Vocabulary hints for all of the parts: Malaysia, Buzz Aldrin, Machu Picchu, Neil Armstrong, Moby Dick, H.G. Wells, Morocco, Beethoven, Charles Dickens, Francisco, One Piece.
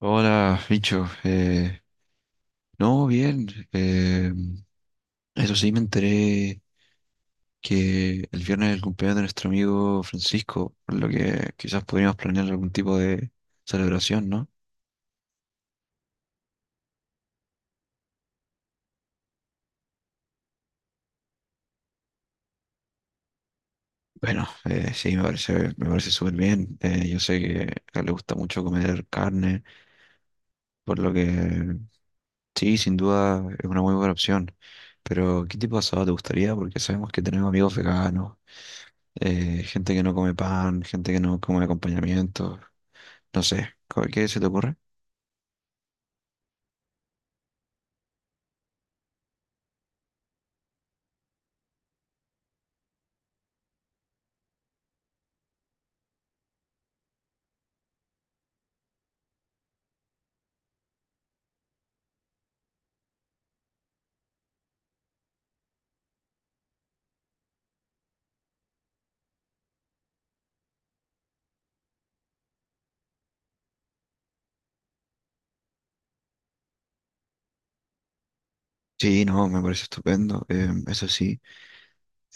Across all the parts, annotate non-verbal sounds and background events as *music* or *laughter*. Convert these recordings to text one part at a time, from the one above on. Hola, bicho. No, bien. eh, Eso sí, me enteré que el viernes es el cumpleaños de nuestro amigo Francisco, por lo que quizás podríamos planear algún tipo de celebración, ¿no? Bueno, sí, me parece súper bien. Yo sé que a él le gusta mucho comer carne, por lo que sí, sin duda es una muy buena opción. Pero, ¿qué tipo de asado te gustaría? Porque sabemos que tenemos amigos veganos, gente que no come pan, gente que no come acompañamiento. No sé, ¿qué se te ocurre? Sí, no, me parece estupendo. Eso sí,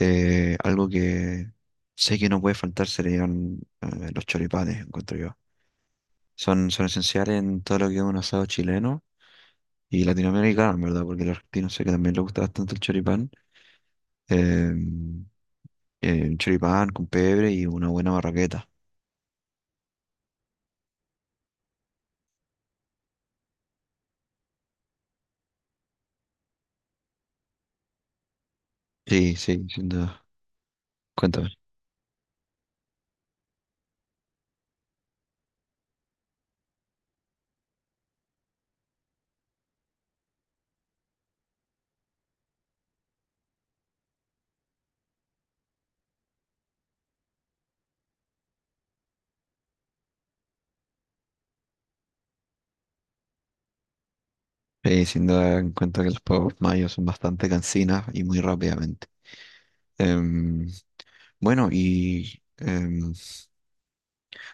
algo que sé que no puede faltar serían los choripanes, encuentro yo. Son esenciales en todo lo que es un asado chileno y latinoamericano, en verdad, porque el argentino sé que también le gusta bastante el choripán. Eh, un choripán con pebre y una buena barraqueta. Sí, sí, sin duda. Cuéntame. Sí, sin duda, en cuenta que los pueblos mayos son bastante cansinas y muy rápidamente. Em, Bueno, y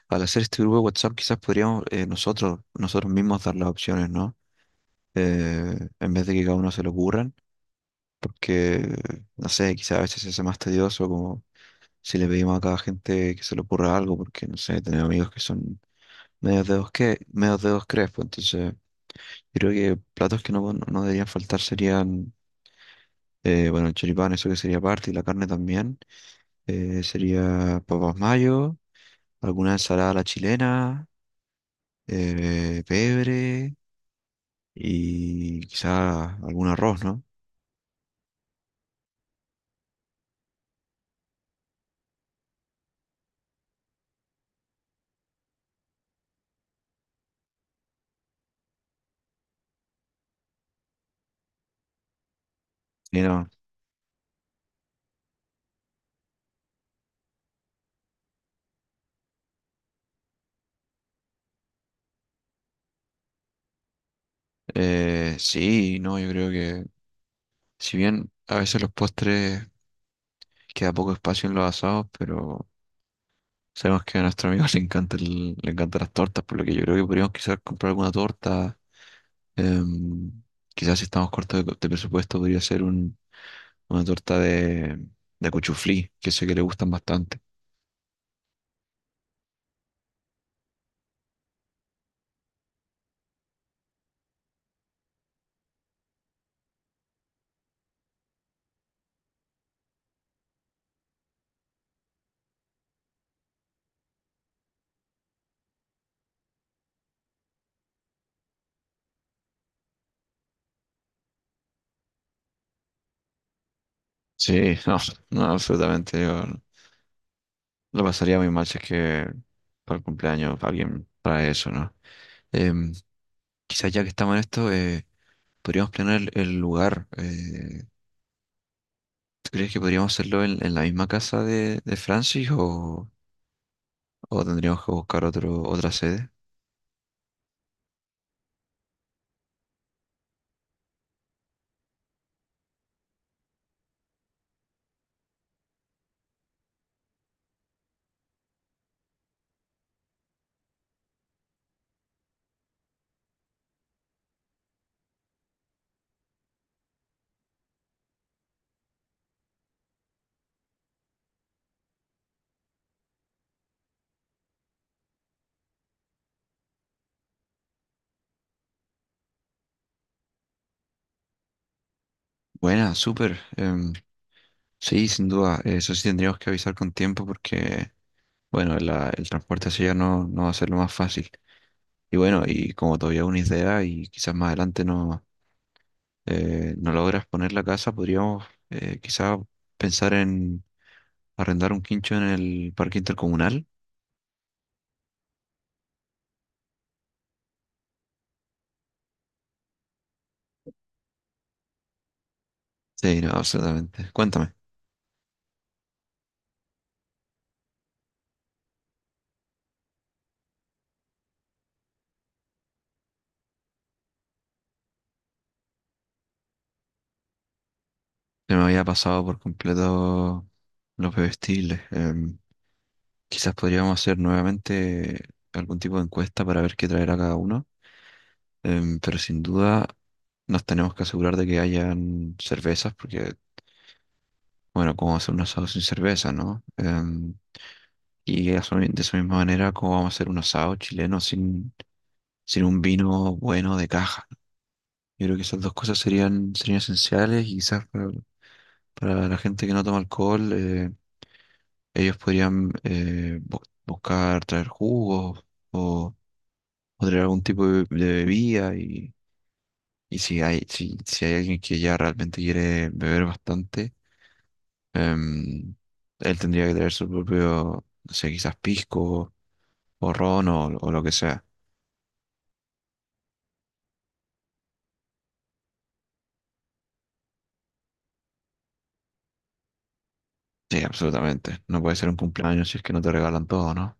al hacer este grupo de WhatsApp quizás podríamos nosotros mismos dar las opciones, ¿no? En vez de que cada uno se lo ocurran, porque, no sé, quizás a veces se hace más tedioso como si le pedimos a cada gente que se le ocurra algo, porque, no sé, tenemos amigos que son medios dedos crespos, entonces creo que platos que no deberían faltar serían, bueno, el choripán, eso que sería parte, y la carne también, sería papas mayo, alguna ensalada a la chilena, pebre y quizá algún arroz, ¿no? Y no, sí, no, yo creo que si bien a veces los postres queda poco espacio en los asados, pero sabemos que a nuestro amigo *laughs* le encantan las tortas, por lo que yo creo que podríamos quizás comprar alguna torta. Em, Quizás si estamos cortos de presupuesto podría ser una torta de cuchuflí, que sé que le gustan bastante. Sí, *laughs* no, no, absolutamente. Lo pasaría muy mal si es que para el cumpleaños alguien trae eso, ¿no? Em, Quizás ya que estamos en esto, podríamos planear el lugar. ¿Tú crees que podríamos hacerlo en la misma casa de Francis o tendríamos que buscar otra sede? Buena, súper. Sí, sin duda. Eso sí tendríamos que avisar con tiempo porque, bueno, el transporte hacia allá no, no va a ser lo más fácil. Y bueno, y como todavía una idea y quizás más adelante no logras poner la casa, podríamos quizá pensar en arrendar un quincho en el parque intercomunal. Sí, no, absolutamente. Cuéntame. Se me había pasado por completo los bebestibles. Quizás podríamos hacer nuevamente algún tipo de encuesta para ver qué traerá cada uno. Pero sin duda nos tenemos que asegurar de que hayan cervezas, porque bueno, cómo hacer un asado sin cerveza, ¿no? Y eso de esa misma manera, cómo vamos a hacer un asado chileno sin, sin un vino bueno de caja. Yo creo que esas dos cosas serían esenciales y quizás para la gente que no toma alcohol, ellos podrían buscar traer jugos o, o traer algún tipo de bebida y si hay, si hay alguien que ya realmente quiere beber bastante. Em, Él tendría que tener su propio, no sé, quizás pisco o ron o lo que sea. Sí, absolutamente. No puede ser un cumpleaños si es que no te regalan todo, ¿no?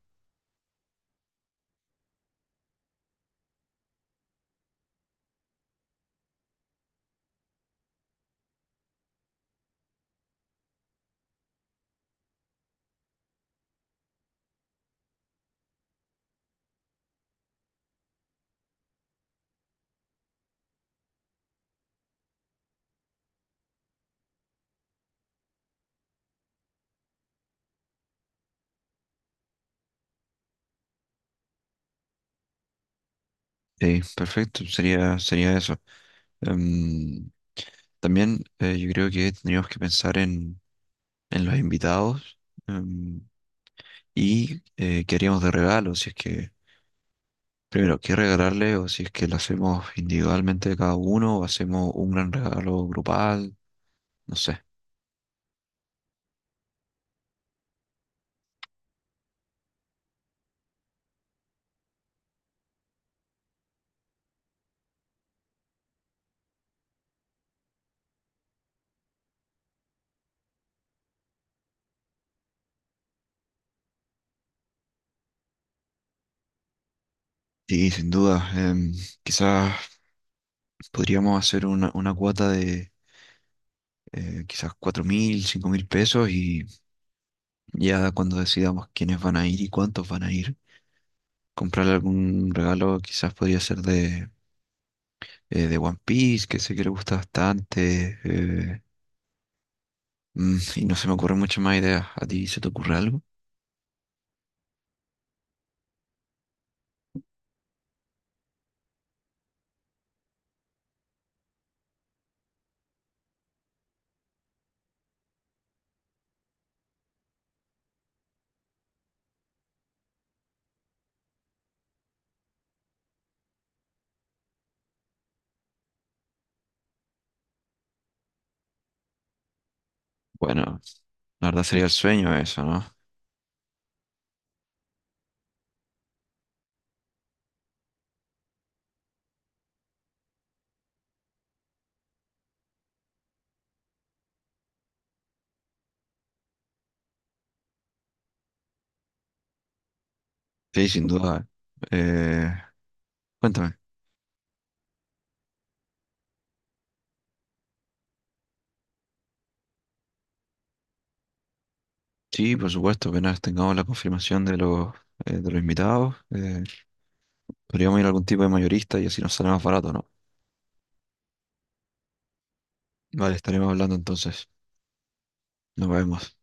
Sí, perfecto. Sería eso. Em, También yo creo que tendríamos que pensar en los invitados em, y qué haríamos de regalo, si es que, primero, qué regalarle o si es que lo hacemos individualmente cada uno o hacemos un gran regalo grupal, no sé. Sí, sin duda. Quizás podríamos hacer una cuota de quizás 4.000, 5.000 pesos y ya cuando decidamos quiénes van a ir y cuántos van a ir, comprar algún regalo quizás podría ser de One Piece, que sé que le gusta bastante. Y no se me ocurren muchas más ideas. ¿A ti se te ocurre algo? Bueno, la verdad sería el sueño eso, ¿no? Sí, sin duda. Eh, cuéntame. Sí, por supuesto, apenas tengamos la confirmación de los invitados, podríamos ir a algún tipo de mayorista y así nos sale más barato, ¿no? Vale, estaremos hablando entonces. Nos vemos.